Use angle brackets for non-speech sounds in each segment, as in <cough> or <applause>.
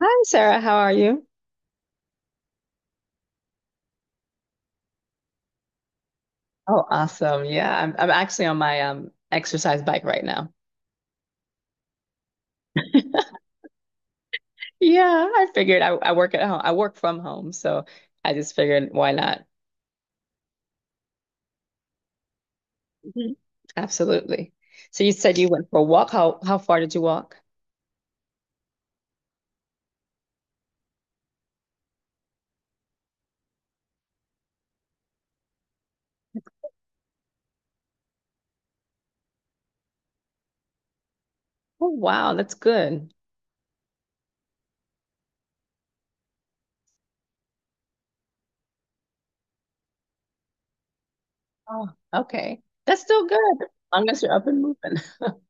Hi, Sarah. How are you? Oh, awesome. Yeah, I'm actually on my exercise bike right now. <laughs> Yeah, I figured I work at home. I work from home, so I just figured why not? Mhm. Absolutely. So you said you went for a walk. How far did you walk? Oh, wow, that's good. Oh, okay. That's still good, as long as you're up and moving. <laughs>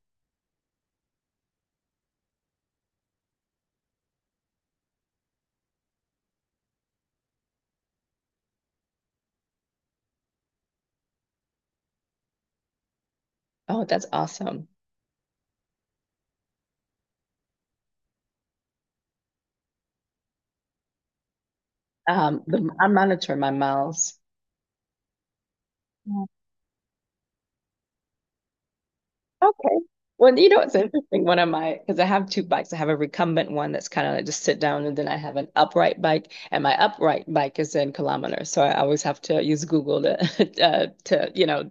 Oh, that's awesome. I monitor my miles. Okay. Well, you know, it's interesting. Because I have two bikes. I have a recumbent one that's kind of like just sit down, and then I have an upright bike, and my upright bike is in kilometers. So I always have to use Google to, <laughs> to you know,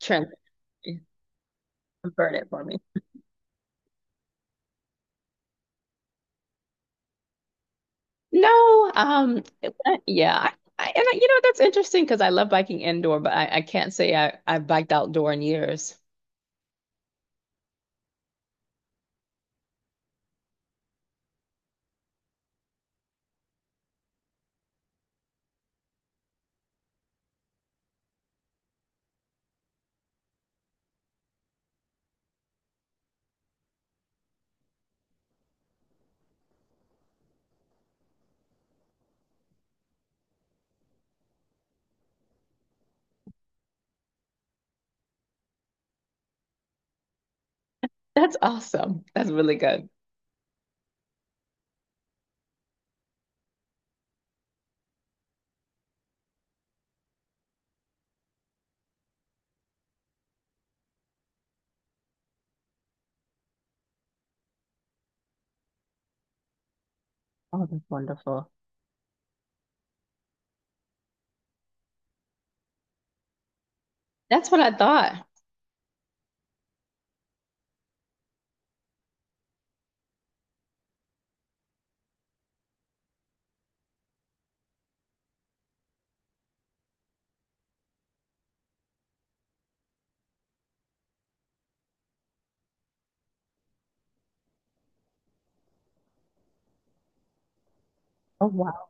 trans convert it for me. No, yeah, and you know, that's interesting because I love biking indoor, but I can't say I've biked outdoor in years. That's awesome. That's really good. Oh, that's wonderful. That's what I thought. Oh, wow.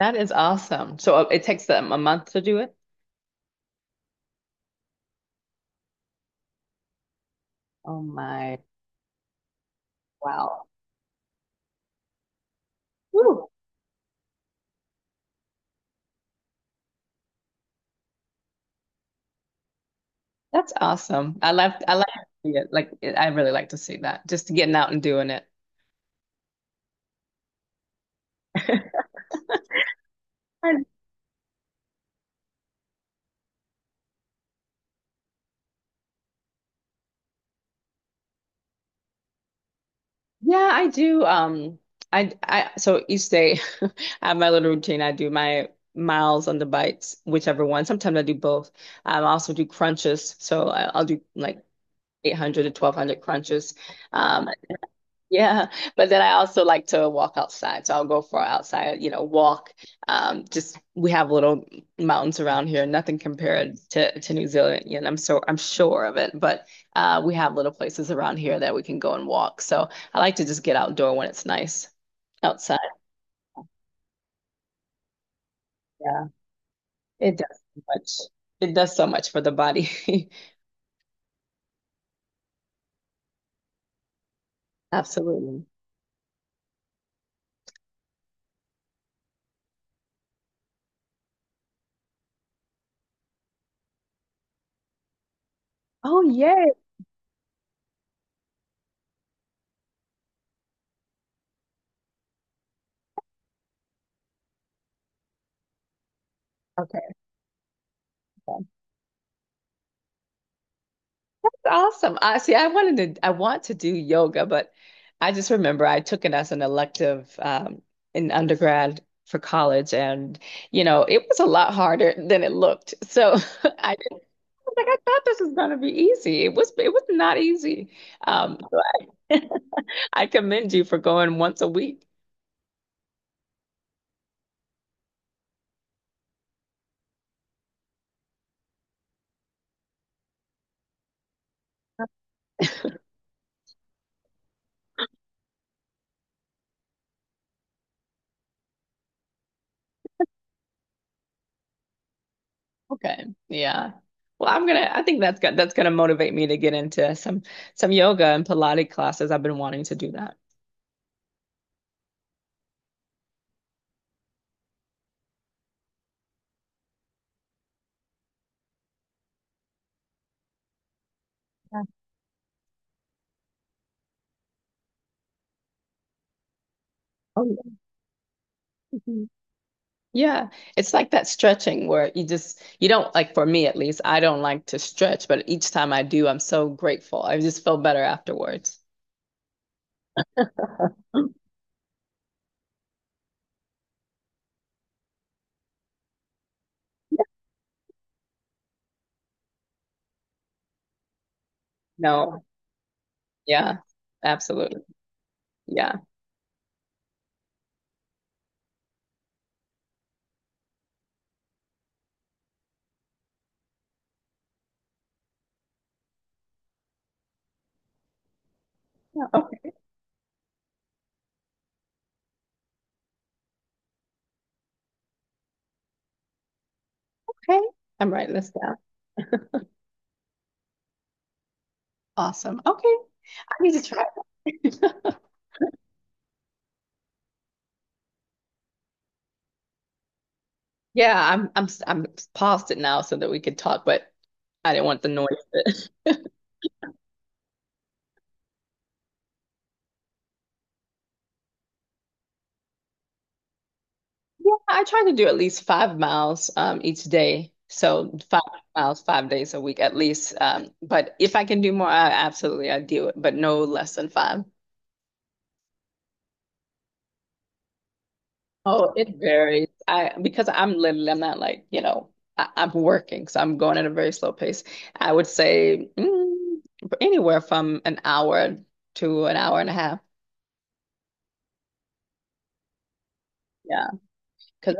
That is awesome. So it takes them a month to do it? Oh my, wow. Woo, that's awesome. I like to see it. I really like to see that. Just getting out and doing it. And- yeah, I do. I so each day <laughs> I have my little routine. I do my miles on the bikes, whichever one. Sometimes I do both. I also do crunches. So I'll do like 800 to 1200 crunches. Um, Yeah, but then I also like to walk outside. So I'll go for an outside, you know, walk. Just We have little mountains around here, nothing compared to New Zealand, and I'm sure of it, but we have little places around here that we can go and walk. So I like to just get outdoor when it's nice outside. Yeah. It does so much. It does so much for the body. <laughs> Absolutely. Oh, yay. Okay. Awesome. I see. I want to do yoga, but I just remember I took it as an elective in undergrad for college, and you know it was a lot harder than it looked. So <laughs> I just I thought this was going to be easy. It was not easy. Um, so I, <laughs> I commend you for going once a week. Okay. Yeah. Well, I think that's gonna That's gonna motivate me to get into some yoga and Pilates classes. I've been wanting to do that. Oh, yeah. Yeah, it's like that stretching where you just, you don't like, for me at least, I don't like to stretch, but each time I do, I'm so grateful. I just feel better afterwards. Mm. Yeah. No, yeah, absolutely. Yeah. Yeah. Okay. Okay. I'm writing this down. Awesome. Okay. I need to try. <laughs> Yeah, I'm paused it now so that we could talk, but I didn't want the noise. Yeah, I try to do at least 5 miles each day. So 5 miles, 5 days a week at least. But if I can do more, I do it, but no less than five. Oh, it varies. I because I'm literally I'm not like, you know, I'm working, so I'm going at a very slow pace. I would say anywhere from an hour to an hour and a half. Yeah. Because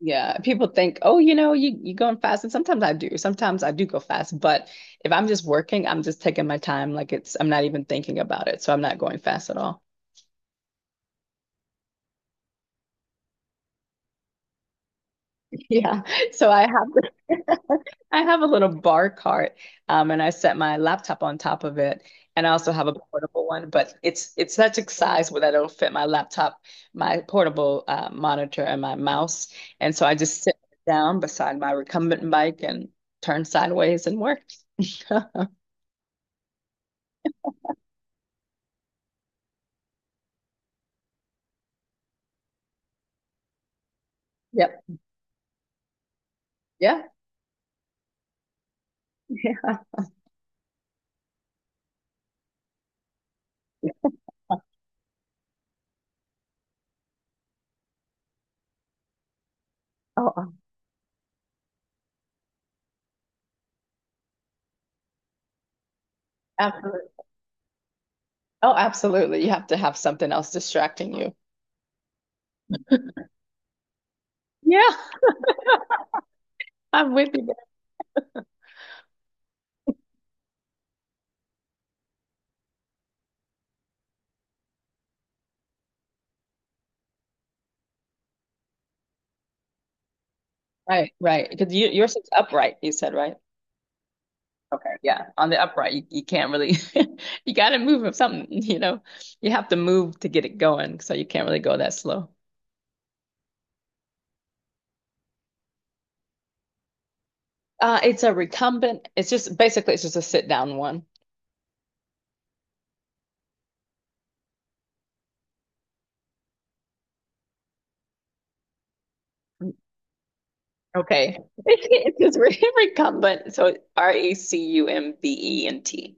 yeah, people think, oh, you know, you going fast, and sometimes I do. Sometimes I do go fast, but if I'm just working, I'm just taking my time. I'm not even thinking about it, so I'm not going fast at all. <laughs> Yeah. So I have I have a little bar cart, and I set my laptop on top of it, and I also have a portable one. But it's such a size where that it'll fit my laptop, my portable monitor, and my mouse, and so I just sit down beside my recumbent bike and turn sideways and work. <laughs> Yep. Yeah. Yeah. <laughs> Oh, absolutely. Oh, absolutely. You have to have something else distracting you. Yeah, I'm with you there. Right, right. Because yours is upright, you said, right? Okay, yeah. On the upright, you can't really, <laughs> you got to move with something, you know. You have to move to get it going, so you can't really go that slow. It's a recumbent. It's just a sit down one. Okay. <laughs> It's just recumbent. So recumbent.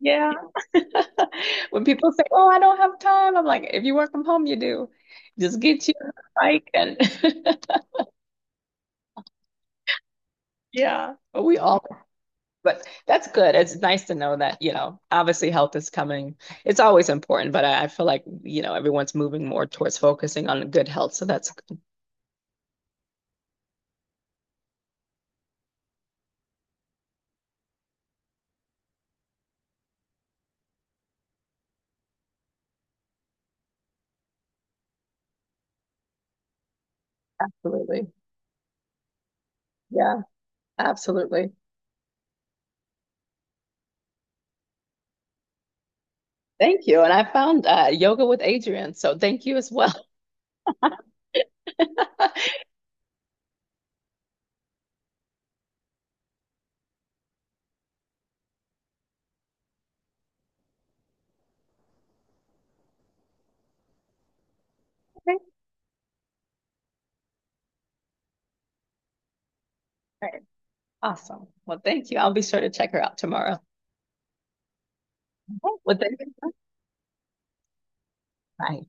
Yeah. <laughs> When people say, "Oh, I don't have time," I'm like, "If you work from home, you do. Just get you a bike and <laughs> yeah." But that's good. It's nice to know that, you know, obviously health is coming. It's always important, but I feel like, you know, everyone's moving more towards focusing on good health, so that's good. Absolutely. Yeah, absolutely. Thank you. And I found yoga with Adrienne, so thank you as well. <laughs> Okay. All right. Awesome. Well, thank you. I'll be sure to check her out tomorrow. Oh, well, thank you. Go. Bye.